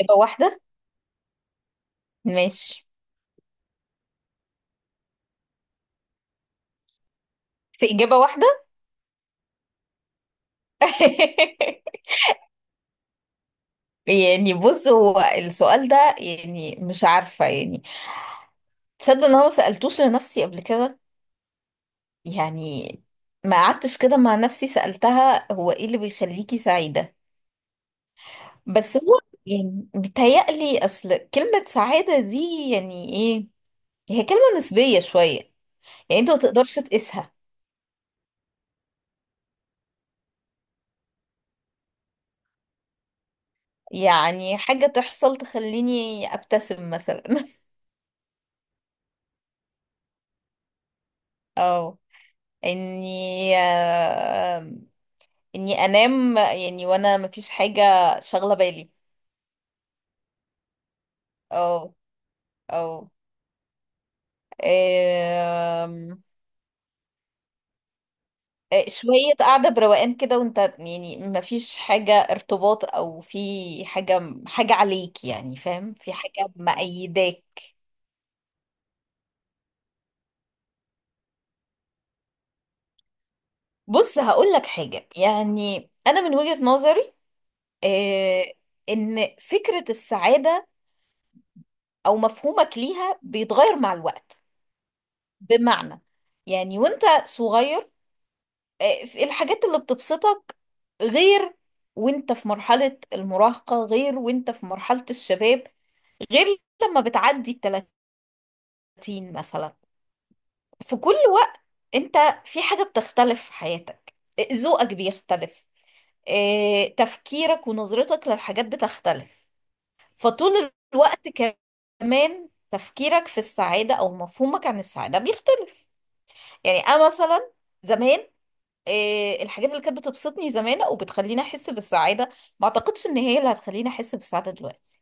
إجابة واحدة. ماشي. بس إجابة واحدة. يعني بص، هو السؤال ده يعني مش عارفة يعني، تصدق إن هو سألتوش لنفسي قبل كده؟ يعني ما قعدتش كده مع نفسي سألتها هو إيه اللي بيخليكي سعيدة. بس هو يعني بيتهيألي أصل كلمة سعادة دي يعني إيه؟ هي كلمة نسبية شوية. يعني أنت ما تقدرش تقيسها. يعني حاجة تحصل تخليني أبتسم مثلا. اه، اني آه، اني انام يعني، وانا مفيش حاجة شاغلة بالي. او او آم، آه، شوية قاعدة بروقان كده، وانت يعني مفيش حاجة ارتباط، او في حاجة حاجة عليك، يعني فاهم، في حاجة مأيداك. بص هقول لك حاجة، يعني انا من وجهة نظري، آه، ان فكرة السعادة او مفهومك ليها بيتغير مع الوقت. بمعنى، يعني وانت صغير، في الحاجات اللي بتبسطك غير، وانت في مرحلة المراهقة غير، وانت في مرحلة الشباب غير، لما بتعدي الـ30 مثلا. في كل وقت انت في حاجة بتختلف في حياتك، ذوقك بيختلف، تفكيرك ونظرتك للحاجات بتختلف. فطول الوقت كمان تفكيرك في السعادة أو مفهومك عن السعادة بيختلف. يعني أنا مثلا زمان، الحاجات اللي كانت بتبسطني زمان وبتخليني احس بالسعاده، ما اعتقدش ان هي اللي هتخليني احس بالسعاده دلوقتي.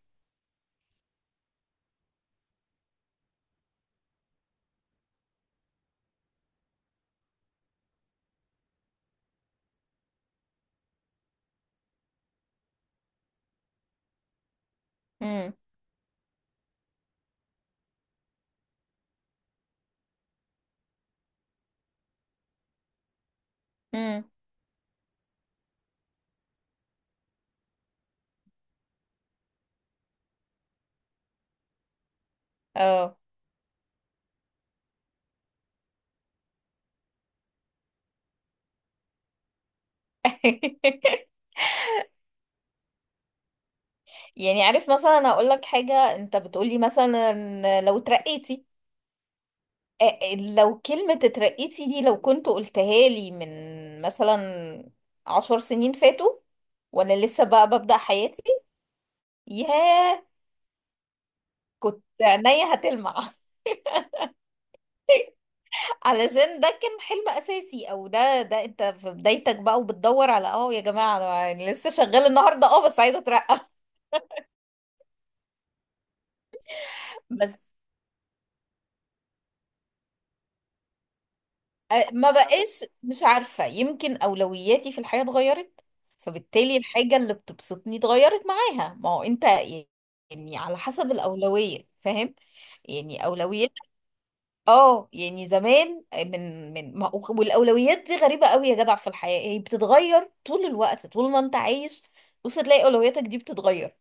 امم، امم، اه. يعني عارف مثلا اقول لك حاجه، انت بتقولي مثلا لو اترقيتي، لو كلمه اترقيتي دي لو كنت قلتها لي من مثلا 10 سنين فاتوا، وانا لسه بقى ببدأ حياتي، ياه، كنت عينيا هتلمع. علشان ده كان حلم اساسي، او ده انت في بدايتك بقى وبتدور على، اه يا جماعه أنا يعني لسه شغال النهارده اه بس عايزه اترقى. بس، ما بقاش، مش عارفه، يمكن اولوياتي في الحياه اتغيرت، فبالتالي الحاجه اللي بتبسطني اتغيرت معاها. ما هو انت يعني على حسب الاولويه، فاهم؟ يعني اولويات. اه يعني زمان، من من ما- والاولويات دي غريبه قوي يا جدع، في الحياه هي بتتغير طول الوقت، طول ما انت عايش بص تلاقي اولوياتك دي بتتغير.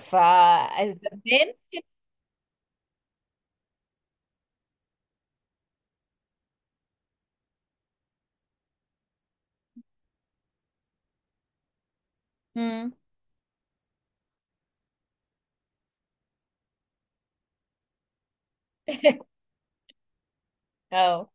فالزبدان، امم، اه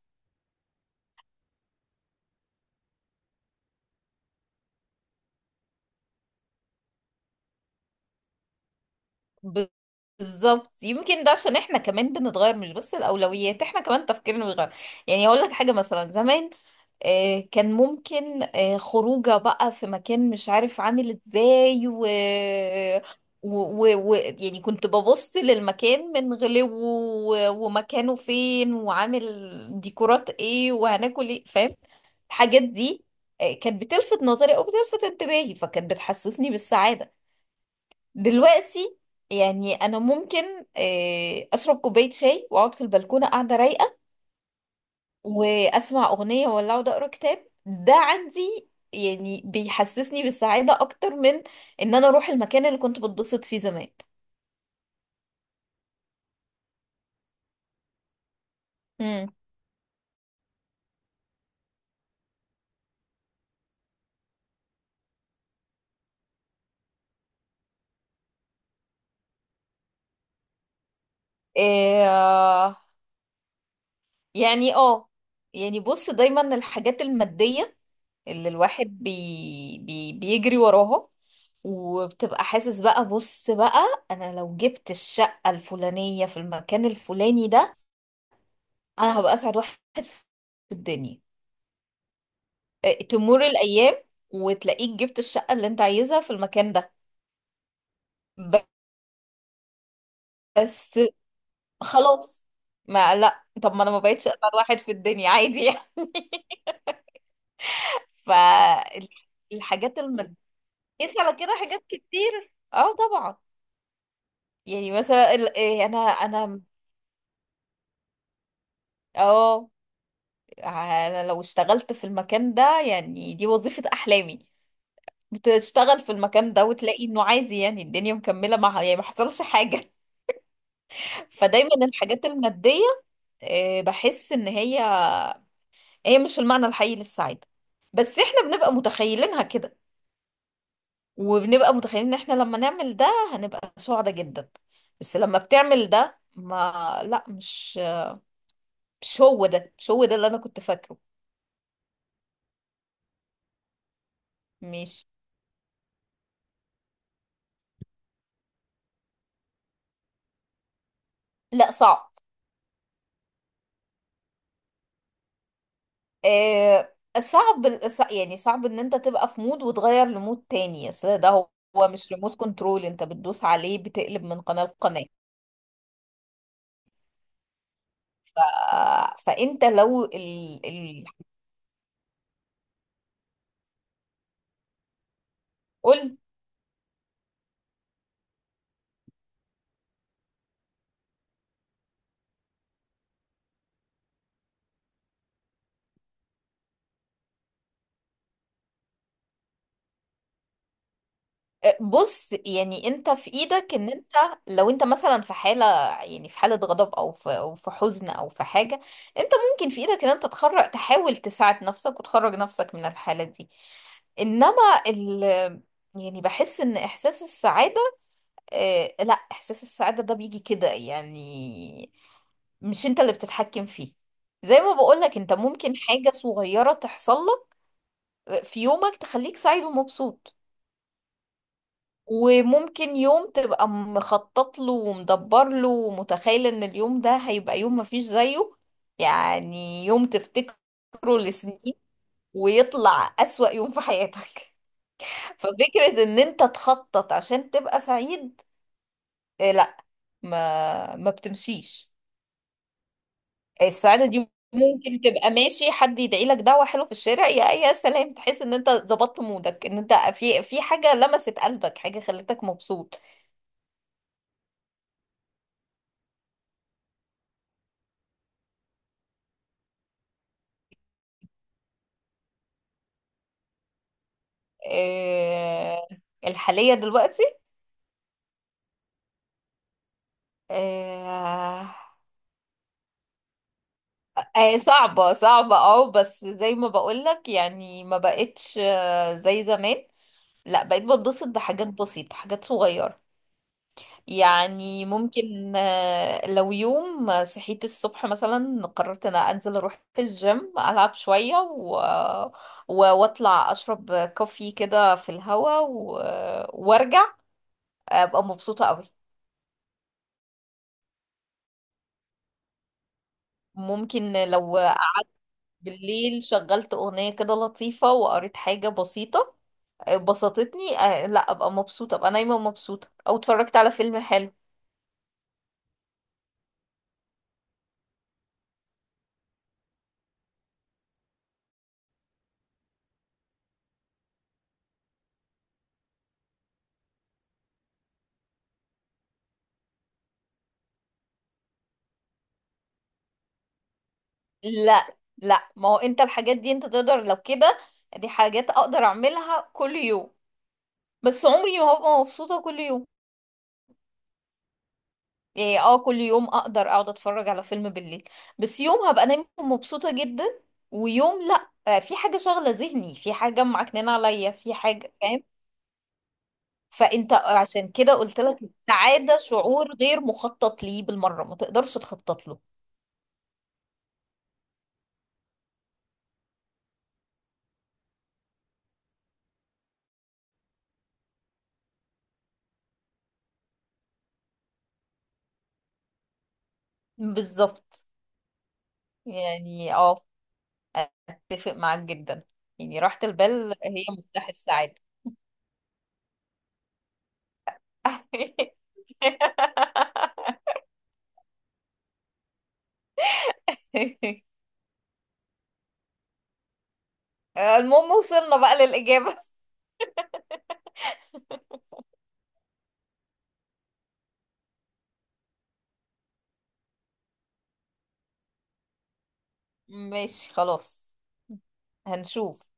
بالظبط، يمكن ده عشان احنا كمان بنتغير، مش بس الاولويات، احنا كمان تفكيرنا بيتغير. يعني اقول لك حاجه مثلا، زمان كان ممكن خروجه بقى في مكان مش عارف عامل ازاي، و... يعني كنت ببص للمكان من غلوه، ومكانه فين، وعامل ديكورات ايه، وهناكل ايه، فاهم، الحاجات دي كانت بتلفت نظري او بتلفت انتباهي، فكانت بتحسسني بالسعادة. دلوقتي يعني انا ممكن اشرب كوباية شاي واقعد في البلكونة قاعدة رايقة، واسمع اغنيه ولا اقعد اقرا كتاب، ده عندي يعني بيحسسني بالسعاده اكتر من ان انا اروح المكان اللي كنت بتبسط فيه زمان. امم، إيه يعني، اه يعني بص، دايما الحاجات الماديه اللي الواحد بي بي بيجري وراها، وبتبقى حاسس بقى، بص بقى انا لو جبت الشقه الفلانيه في المكان الفلاني ده، انا هبقى اسعد واحد في الدنيا. تمر الايام وتلاقيك جبت الشقه اللي انت عايزها في المكان ده، بس خلاص. ما لا، طب ما انا ما بقتش اسعد واحد في الدنيا، عادي يعني. فالحاجات الماديه، قيس على كده حاجات كتير، اه طبعا. يعني مثلا ال- إيه، انا اه، أنا لو اشتغلت في المكان ده يعني دي وظيفه احلامي، بتشتغل في المكان ده وتلاقي انه عادي، يعني الدنيا مكمله معها، يعني ما حصلش حاجه. فدايما الحاجات الماديه، بحس ان هي مش المعنى الحقيقي للسعاده، بس احنا بنبقى متخيلينها كده، وبنبقى متخيلين ان احنا لما نعمل ده هنبقى سعداء جدا. بس لما بتعمل ده، ما لا، مش هو ده اللي انا كنت فاكره. مش لا صعب. آه صعب، يعني صعب ان انت تبقى في مود وتغير لمود تاني، اصل ده هو، هو مش ريموت كنترول انت بتدوس عليه بتقلب من قناة لقناة. ف... فانت لو قلت، بص يعني انت في ايدك ان انت، لو انت مثلا في حالة، يعني في حالة غضب، او في، او في حزن، او في حاجة، انت ممكن في ايدك ان انت تخرج تحاول تساعد نفسك وتخرج نفسك من الحالة دي. انما ال يعني بحس ان احساس السعادة، اه، لا احساس السعادة ده بيجي كده يعني، مش انت اللي بتتحكم فيه. زي ما بقولك انت ممكن حاجة صغيرة تحصل لك في يومك تخليك سعيد ومبسوط، وممكن يوم تبقى مخطط له ومدبر له، ومتخيل ان اليوم ده هيبقى يوم مفيش زيه، يعني يوم تفتكره لسنين، ويطلع أسوأ يوم في حياتك. ففكرة ان انت تخطط عشان تبقى سعيد، لا، ما بتمشيش. السعادة دي ممكن تبقى ماشي حد يدعي لك دعوة حلوة في الشارع، يا يا سلام، تحس ان انت ظبطت مودك، ان انت في، في حاجة لمست قلبك، حاجة خلتك مبسوط. آه، الحالية دلوقتي؟ آه، صعبة، صعبة، اه، بس زي ما بقولك يعني، ما بقتش زي زمان، لا بقيت بتبسط بحاجات بسيطة، حاجات صغيرة. يعني ممكن لو يوم صحيت الصبح مثلا، قررت ان أنا انزل اروح الجيم العب شوية، و- واطلع اشرب كوفي كده في الهوا، وارجع ابقى مبسوطة قوي. ممكن لو بالليل شغلت أغنية كده لطيفة وقريت حاجة بسيطة بسطتني، لا أبقى مبسوطة، أبقى نايمة مبسوطة، أو اتفرجت على فيلم حلو. لا لا، ما هو أنت الحاجات دي أنت تقدر، لو كده دي حاجات أقدر أعملها كل يوم، بس عمري ما هبقى مبسوطة كل يوم. يعني اه كل يوم أقدر أقعد أتفرج على فيلم بالليل، بس يوم هبقى نايمة مبسوطة جدا، ويوم لا في حاجة شاغلة ذهني، في حاجة معكنانة عليا، في حاجة فاهم؟ فانت عشان كده قلت لك، السعادة شعور غير مخطط ليه بالمرة، ما تقدرش تخطط له. بالظبط. يعني اه اتفق معاك جدا. يعني راحة البال هي مفتاح السعادة. المهم وصلنا بقى للإجابة. ماشي، خلاص، هنشوف.